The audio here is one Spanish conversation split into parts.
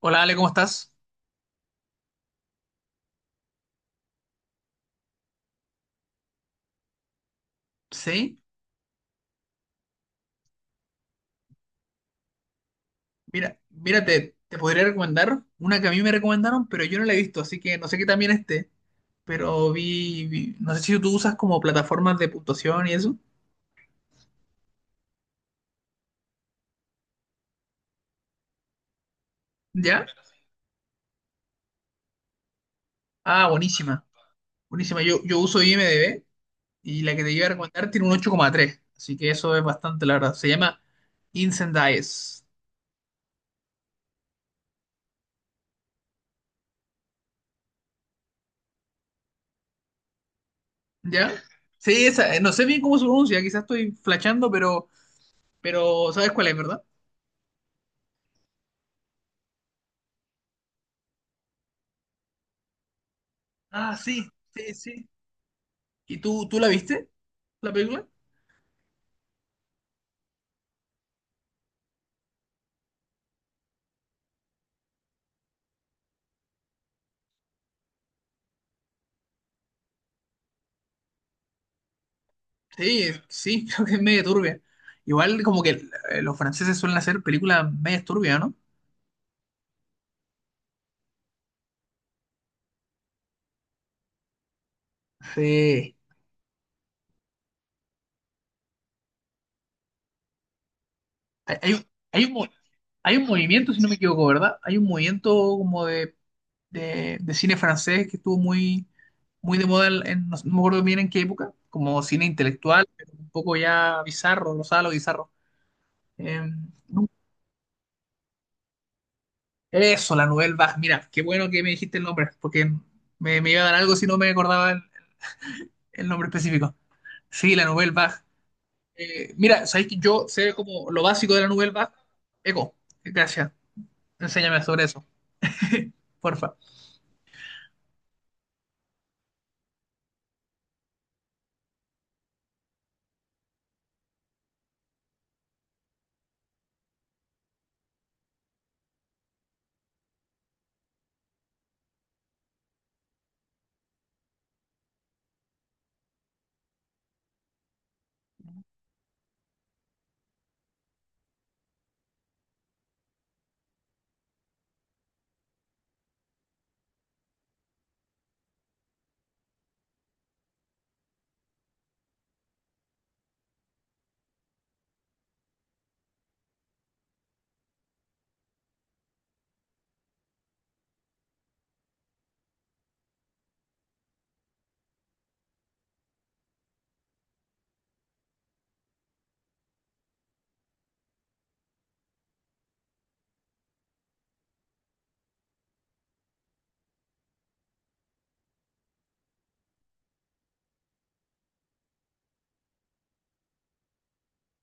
Hola Ale, ¿cómo estás? Sí, mira, mira, te podría recomendar una que a mí me recomendaron, pero yo no la he visto, así que no sé qué también esté, pero no sé si tú usas como plataformas de puntuación y eso. ¿Ya? Ah, buenísima, buenísima, yo uso IMDb, y la que te iba a recomendar tiene un 8,3, así que eso es bastante, la verdad. Se llama Incendies. ¿Ya? Sí, esa, no sé bien cómo se pronuncia, quizás estoy flasheando, pero sabes cuál es, ¿verdad? Ah, sí, sí, sí. ¿Y tú la viste, la película? Sí, sí, creo que es medio turbia. Igual como que los franceses suelen hacer películas medio turbias, ¿no? Sí. Hay, hay, un- hay un, mo- hay un movimiento, si no me equivoco, ¿verdad? Hay un movimiento como de cine francés que estuvo muy, muy de moda, no, no me acuerdo bien en qué época, como cine intelectual, pero un poco ya bizarro, no sabes lo bizarro. Eh, no- Eso, la Nouvelle Vague. Mira, qué bueno que me dijiste el nombre, porque me iba a dar algo si no me acordaba el nombre específico. Sí, la Nouvelle Vague. Mira, sabéis que yo sé como lo básico de la Nouvelle Vague. Eco, gracias. Enséñame sobre eso, porfa.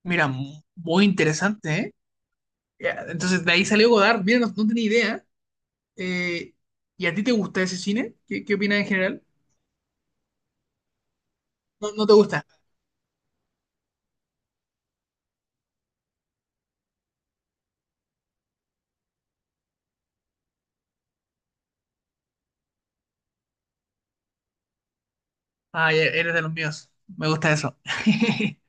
Mira, muy interesante, ¿eh? Ya, entonces, de ahí salió Godard. Mira, no, no tenía idea. Eh, ¿Y a ti te gusta ese cine? ¿Qué opinas en general? No, no te gusta. Ay, eres de los míos. Me gusta eso.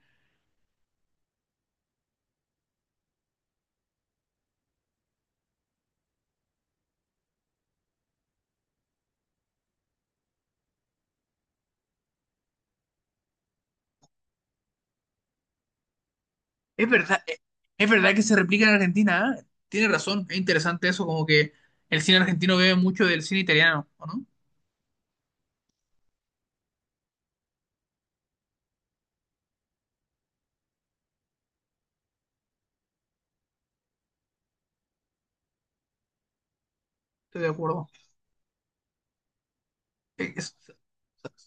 Es verdad, eh, es verdad que se replica en Argentina, ¿eh? Tienes razón. Es interesante eso, como que el cine argentino bebe mucho del cine italiano, ¿o no? Estoy de acuerdo. eh, es-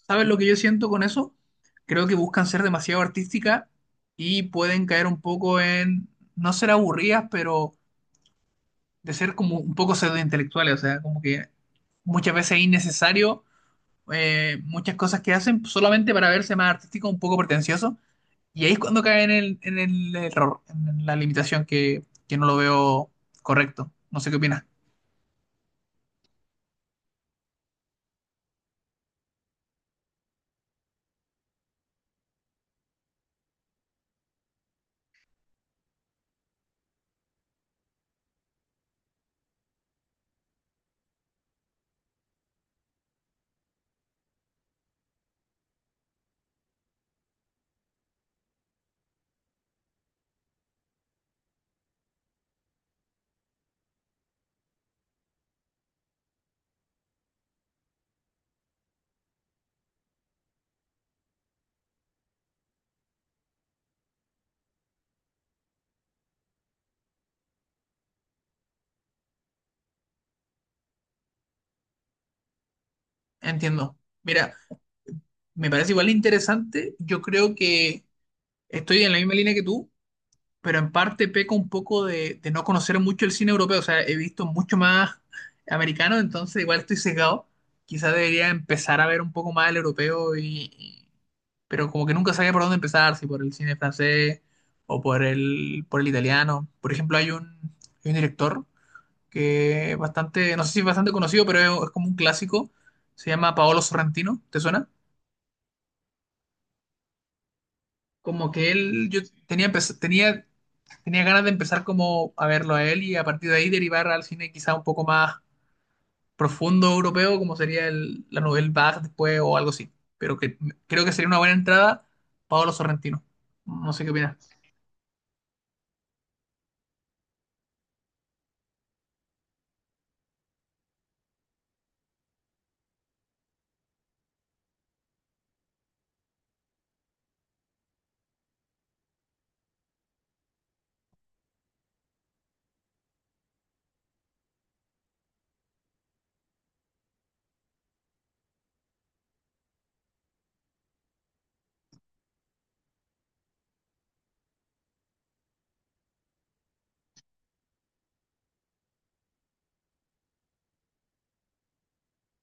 ¿Sabes lo que yo siento con eso? Creo que buscan ser demasiado artísticas y pueden caer un poco en no ser aburridas, pero de ser como un poco pseudointelectuales. O sea, como que muchas veces es innecesario, muchas cosas que hacen solamente para verse más artístico, un poco pretencioso, y ahí es cuando caen en el error, en la limitación que no lo veo correcto. No sé qué opinas. Entiendo. Mira, me parece igual interesante. Yo creo que estoy en la misma línea que tú, pero en parte peco un poco de no conocer mucho el cine europeo. O sea, he visto mucho más americano, entonces igual estoy sesgado. Quizás debería empezar a ver un poco más el europeo pero como que nunca sabía por dónde empezar, si por el cine francés o por el italiano. Por ejemplo, hay un director que es bastante, no sé si es bastante conocido, pero es como un clásico. Se llama Paolo Sorrentino, ¿te suena? Como que él, yo tenía, empe- tenía Tenía ganas de empezar como a verlo a él y a partir de ahí derivar al cine quizá un poco más profundo europeo, como sería la novela Bach después o algo así. Pero que creo que sería una buena entrada Paolo Sorrentino. No sé qué opinas.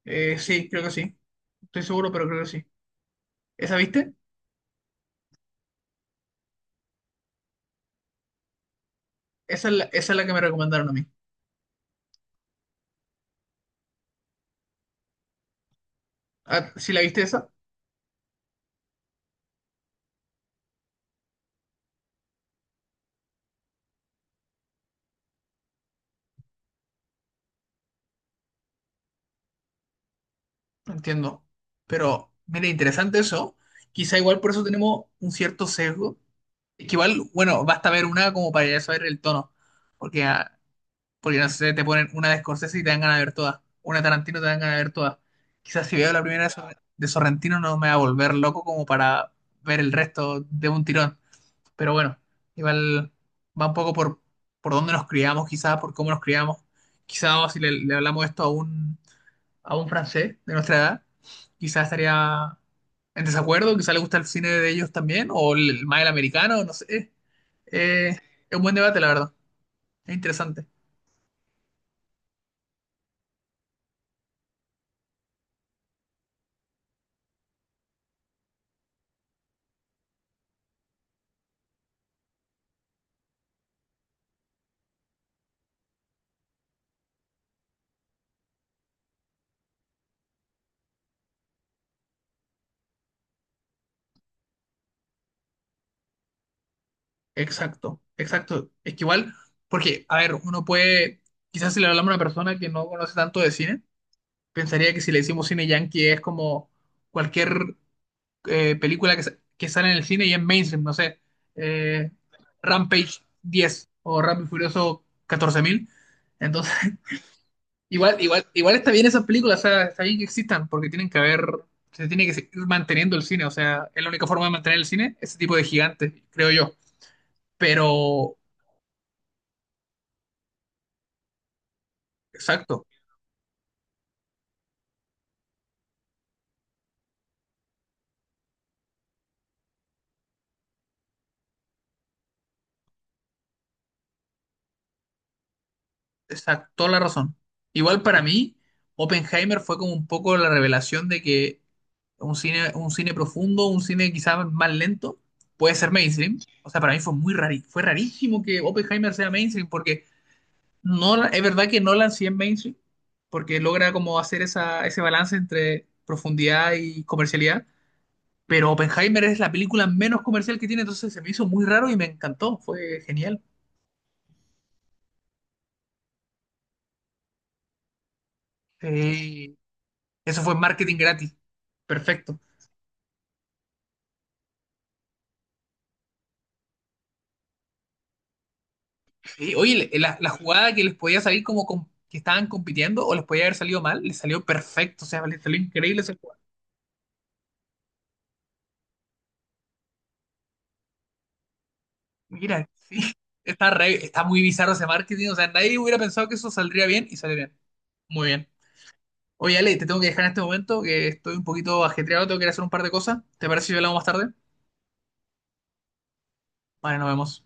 Sí, creo que sí. Estoy seguro, pero creo que sí. ¿Esa viste? Esa es la que me recomendaron a mí. Ah, ¿sí la viste esa? Entiendo. Pero, mire, interesante eso. Quizá igual por eso tenemos un cierto sesgo. Que igual, bueno, basta ver una como para ya saber el tono. Porque ah, Porque no sé, te ponen una de Scorsese y te dan ganas de ver todas. Una de Tarantino te dan ganas de ver todas. Quizás si veo la primera de Sorrentino no me va a volver loco como para ver el resto de un tirón. Pero bueno, igual va un poco por dónde nos criamos, quizás por cómo nos criamos. Quizás si le hablamos esto a un francés de nuestra edad, quizás estaría en desacuerdo, quizás le gusta el cine de ellos también, más el americano, no sé. Eh, es un buen debate, la verdad. Es interesante. Exacto, exacto. Es que igual, porque, a ver, uno puede, quizás si le hablamos a una persona que no conoce tanto de cine, pensaría que si le decimos cine yankee es como cualquier, película que sale en el cine y es mainstream, no sé, eh, Rampage 10 o Rápido y Furioso 14.000. Entonces, igual, igual, igual está bien esas películas, o sea, está bien que existan, porque tienen que haber, se tiene que seguir manteniendo el cine. O sea, es la única forma de mantener el cine, ese tipo de gigantes, creo yo. Pero, exacto. Exacto, toda la razón. Igual para mí, Oppenheimer fue como un poco la revelación de que un cine profundo, un cine quizás más lento, puede ser mainstream. O sea, para mí fue fue rarísimo que Oppenheimer sea mainstream, porque no, es verdad que Nolan sí es mainstream, porque logra como hacer ese balance entre profundidad y comercialidad, pero Oppenheimer es la película menos comercial que tiene, entonces se me hizo muy raro y me encantó, fue genial. Eh, eso fue marketing gratis, perfecto. Sí, oye, la jugada que les podía salir que estaban compitiendo o les podía haber salido mal, les salió perfecto, o sea, les salió increíble esa jugada. Mira, está muy bizarro ese marketing, o sea, nadie hubiera pensado que eso saldría bien, y salió bien. Muy bien. Oye, Ale, te tengo que dejar en este momento, que estoy un poquito ajetreado, tengo que ir a hacer un par de cosas. ¿Te parece si hablamos más tarde? Vale, nos vemos.